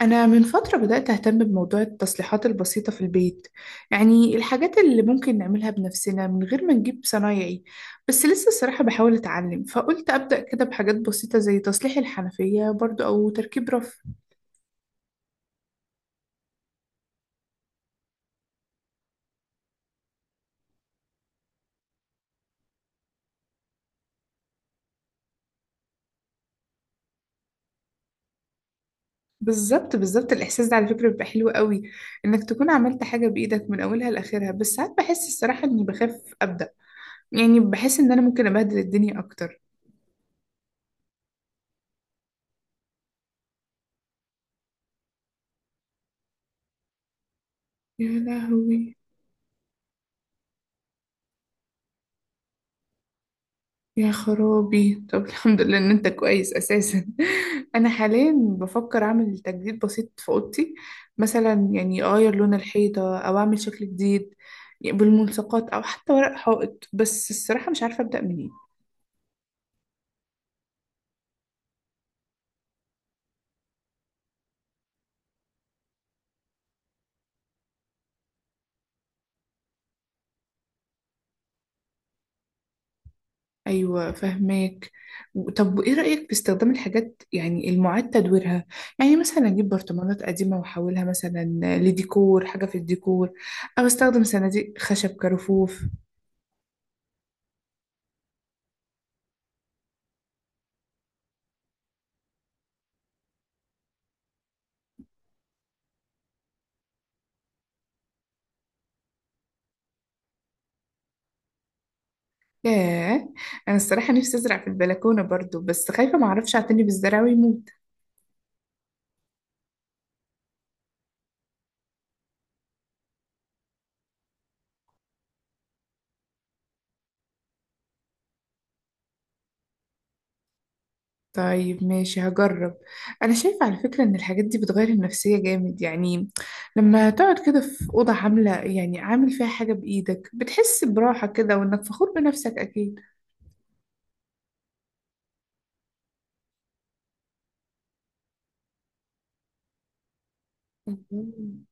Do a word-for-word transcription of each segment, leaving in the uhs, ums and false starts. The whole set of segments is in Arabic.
أنا من فترة بدأت أهتم بموضوع التصليحات البسيطة في البيت. يعني الحاجات اللي ممكن نعملها بنفسنا من غير ما نجيب صنايعي. بس لسه الصراحة بحاول أتعلم، فقلت أبدأ كده بحاجات بسيطة زي تصليح الحنفية برضو أو تركيب رف. بالظبط بالظبط، الإحساس ده على فكرة بيبقى حلو قوي، إنك تكون عملت حاجة بإيدك من أولها لآخرها. بس ساعات بحس الصراحة إني بخاف أبدأ، يعني بحس إن أنا ممكن أبهدل الدنيا أكتر. يا لهوي! يا خرابي، طب الحمد لله ان انت كويس اساسا. انا حاليا بفكر اعمل تجديد بسيط في اوضتي. مثلا يعني اغير لون الحيطه او اعمل شكل جديد، يعني بالملصقات او حتى ورق حائط. بس الصراحه مش عارفه ابدا منين. ايوه، فهماك. و- طب وايه رايك في استخدام الحاجات يعني المعاد تدويرها؟ يعني مثلا اجيب برطمانات قديمه واحولها مثلا لديكور، حاجه في الديكور، او استخدم صناديق خشب كرفوف. ياه! انا الصراحه نفسي ازرع في البلكونه برضو، بس خايفه ما اعرفش اعتني بالزرع ويموت. طيب ماشي، هجرب. انا شايفه على فكره ان الحاجات دي بتغير النفسيه جامد. يعني لما تقعد كده في اوضه عامله، يعني عامل فيها حاجه بايدك، بتحس براحه كده وانك فخور بنفسك اكيد. مم.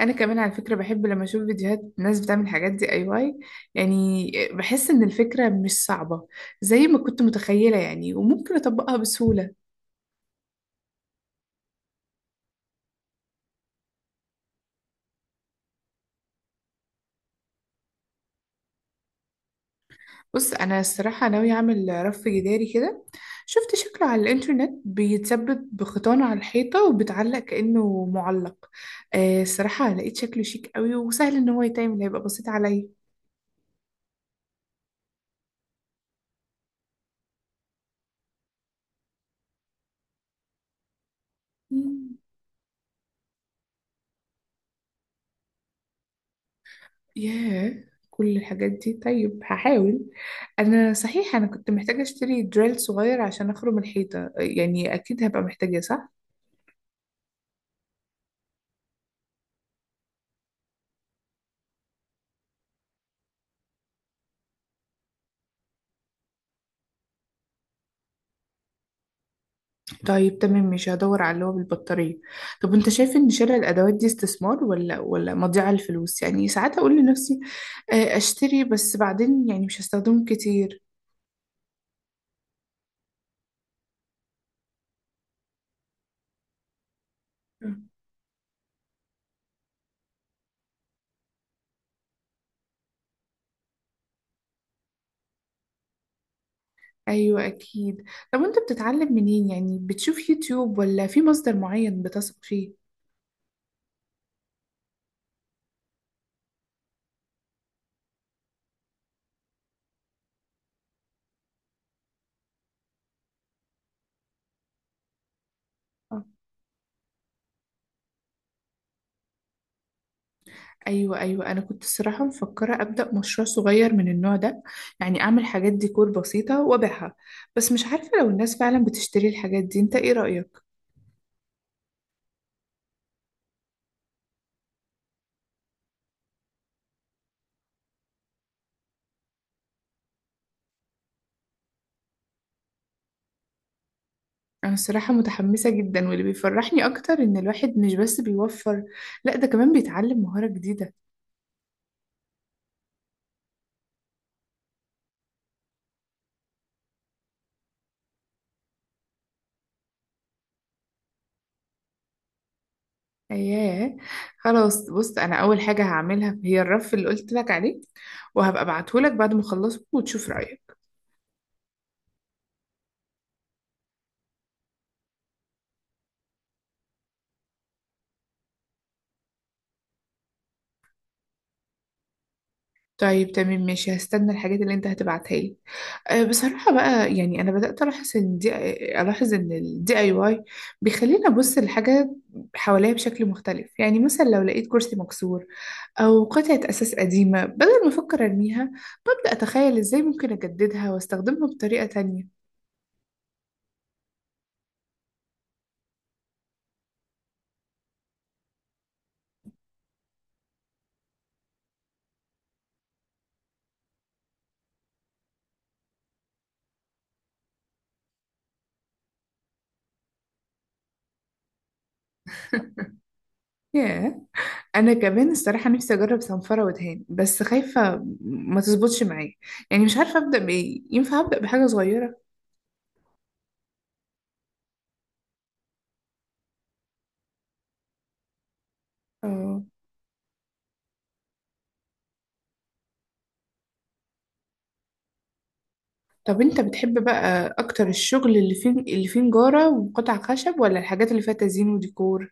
انا كمان على فكره بحب لما اشوف فيديوهات ناس بتعمل الحاجات دي اي واي. يعني بحس ان الفكره مش صعبه زي ما كنت متخيله يعني، وممكن اطبقها بسهوله. بص، انا الصراحه ناوي اعمل رف جداري كده. شفت شكله على الانترنت، بيتثبت بخيطان على الحيطه وبتعلق كانه معلق. آه، الصراحه لقيت شكله شيك قوي، وسهل ان هو يتعمل، هيبقى بسيط عليا. مم. ياه، كل الحاجات دي! طيب هحاول. انا صحيح انا كنت محتاجه اشتري دريل صغير عشان اخرم الحيطه، يعني اكيد هبقى محتاجه، صح؟ طيب تمام، مش هدور على اللي هو بالبطارية. طب انت شايف ان شراء الادوات دي استثمار ولا ولا مضيعة للفلوس؟ يعني ساعات اقول لنفسي آه، اشتري، بس بعدين يعني مش هستخدمه كتير. مم. ايوه اكيد. طب انت بتتعلم منين؟ يعني بتشوف يوتيوب ولا في مصدر معين بتثق فيه؟ آه. ايوه ايوه، انا كنت الصراحه مفكره ابدا مشروع صغير من النوع ده، يعني اعمل حاجات ديكور بسيطه وابيعها. بس مش عارفه لو الناس فعلا بتشتري الحاجات دي، انت ايه رايك؟ أنا الصراحة متحمسة جدا، واللي بيفرحني أكتر إن الواحد مش بس بيوفر، لأ ده كمان بيتعلم مهارة جديدة. أياه! خلاص، بص، أنا أول حاجة هعملها هي الرف اللي قلت لك عليه، وهبقى أبعتهولك بعد ما أخلصه وتشوف رأيك. طيب تمام ماشي، هستنى الحاجات اللي انت هتبعتها لي. أه، بصراحة بقى، يعني انا بدأت الاحظ ان دي، الاحظ ان الدي اي واي بيخليني ابص للحاجة حواليا بشكل مختلف. يعني مثلا لو لقيت كرسي مكسور او قطعة اساس قديمة، بدل ما افكر ارميها، ببدأ اتخيل ازاي ممكن اجددها واستخدمها بطريقة تانية. ياه! انا كمان الصراحة نفسي اجرب صنفرة ودهان، بس خايفة ما تظبطش معايا. يعني مش عارفة ابدأ بايه، ينفع ابدأ بحاجة صغيرة؟ اه. طب انت بتحب بقى اكتر الشغل اللي فيه، اللي فيه نجارة وقطع خشب، ولا الحاجات اللي فيها تزيين وديكور؟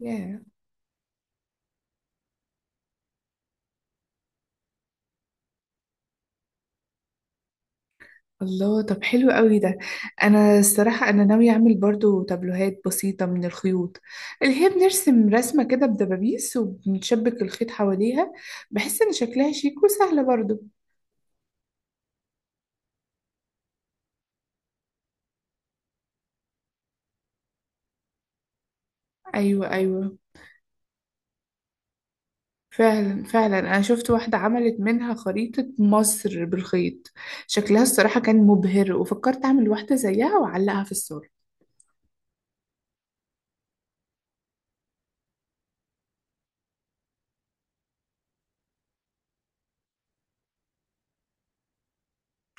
ياه، الله! طب حلو قوي ده. انا الصراحة انا ناوية اعمل برضو تابلوهات بسيطة من الخيوط، اللي هي بنرسم رسمة كده بدبابيس وبنشبك الخيط حواليها. بحس ان شكلها شيك وسهلة برضو. ايوه ايوه. فعلا فعلا، انا شفت واحدة عملت منها خريطة مصر بالخيط. شكلها الصراحة كان مبهر، وفكرت اعمل واحدة زيها واعلقها في الصور.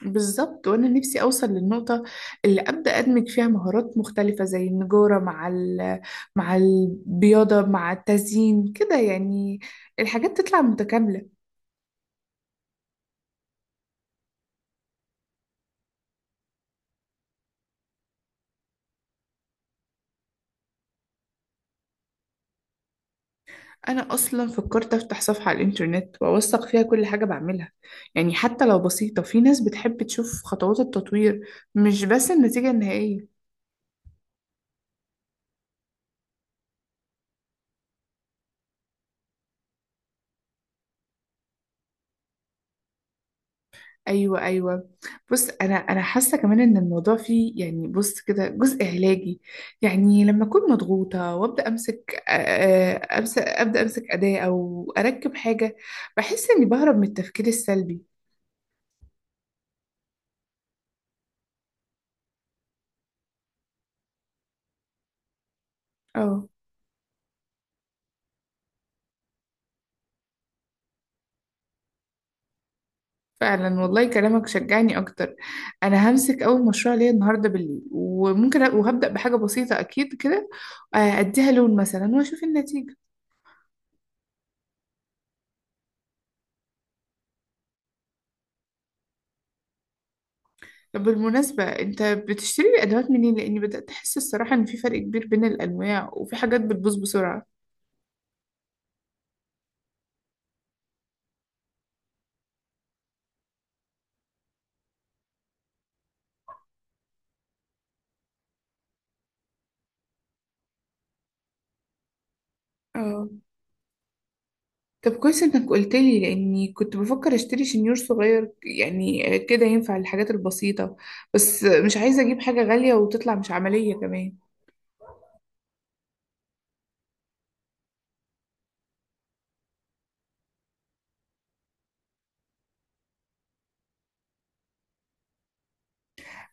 بالظبط، وانا نفسي اوصل للنقطه اللي ابدا ادمج فيها مهارات مختلفه، زي النجاره مع ال... مع البياضه مع التزيين، كده يعني الحاجات تطلع متكامله. انا اصلا فكرت افتح صفحه على الانترنت واوثق فيها كل حاجه بعملها. يعني حتى لو بسيطه، في ناس بتحب تشوف خطوات التطوير، مش بس النتيجه النهائيه. ايوه ايوه. بص انا، انا حاسه كمان ان الموضوع فيه، يعني بص كده، جزء علاجي. يعني لما اكون مضغوطه وابدا امسك آه، آه، امسك ابدا امسك اداه او اركب حاجه، بحس اني بهرب من التفكير السلبي. اه، فعلا والله، كلامك شجعني اكتر. انا همسك اول مشروع ليا النهارده بالليل، وممكن أ- وهبدا بحاجه بسيطه اكيد كده، آه، اديها لون مثلا واشوف النتيجه. طب بالمناسبة، انت بتشتري الأدوات منين؟ لأني بدأت أحس الصراحة إن في فرق كبير بين الأنواع، وفي حاجات بتبوظ بسرعة. اه. طب كويس إنك قلت لي، لأني كنت بفكر أشتري شنيور صغير يعني كده ينفع للحاجات البسيطة، بس مش عايزة أجيب حاجة غالية وتطلع مش عملية كمان.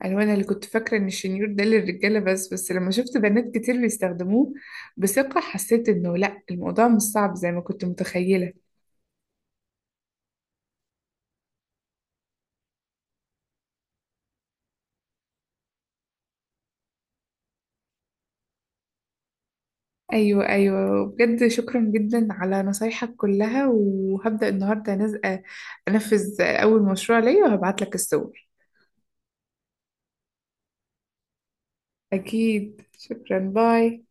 أنا أنا اللي كنت فاكرة إن الشنيور ده للرجالة بس، بس لما شفت بنات كتير بيستخدموه بثقة، حسيت إنه لأ، الموضوع مش صعب زي ما كنت متخيلة. ايوه ايوه، بجد شكرا جدا على نصايحك كلها، وهبدأ النهارده نزق انفذ اول مشروع ليا وهبعت لك الصور. اكيد، شكرا، باي.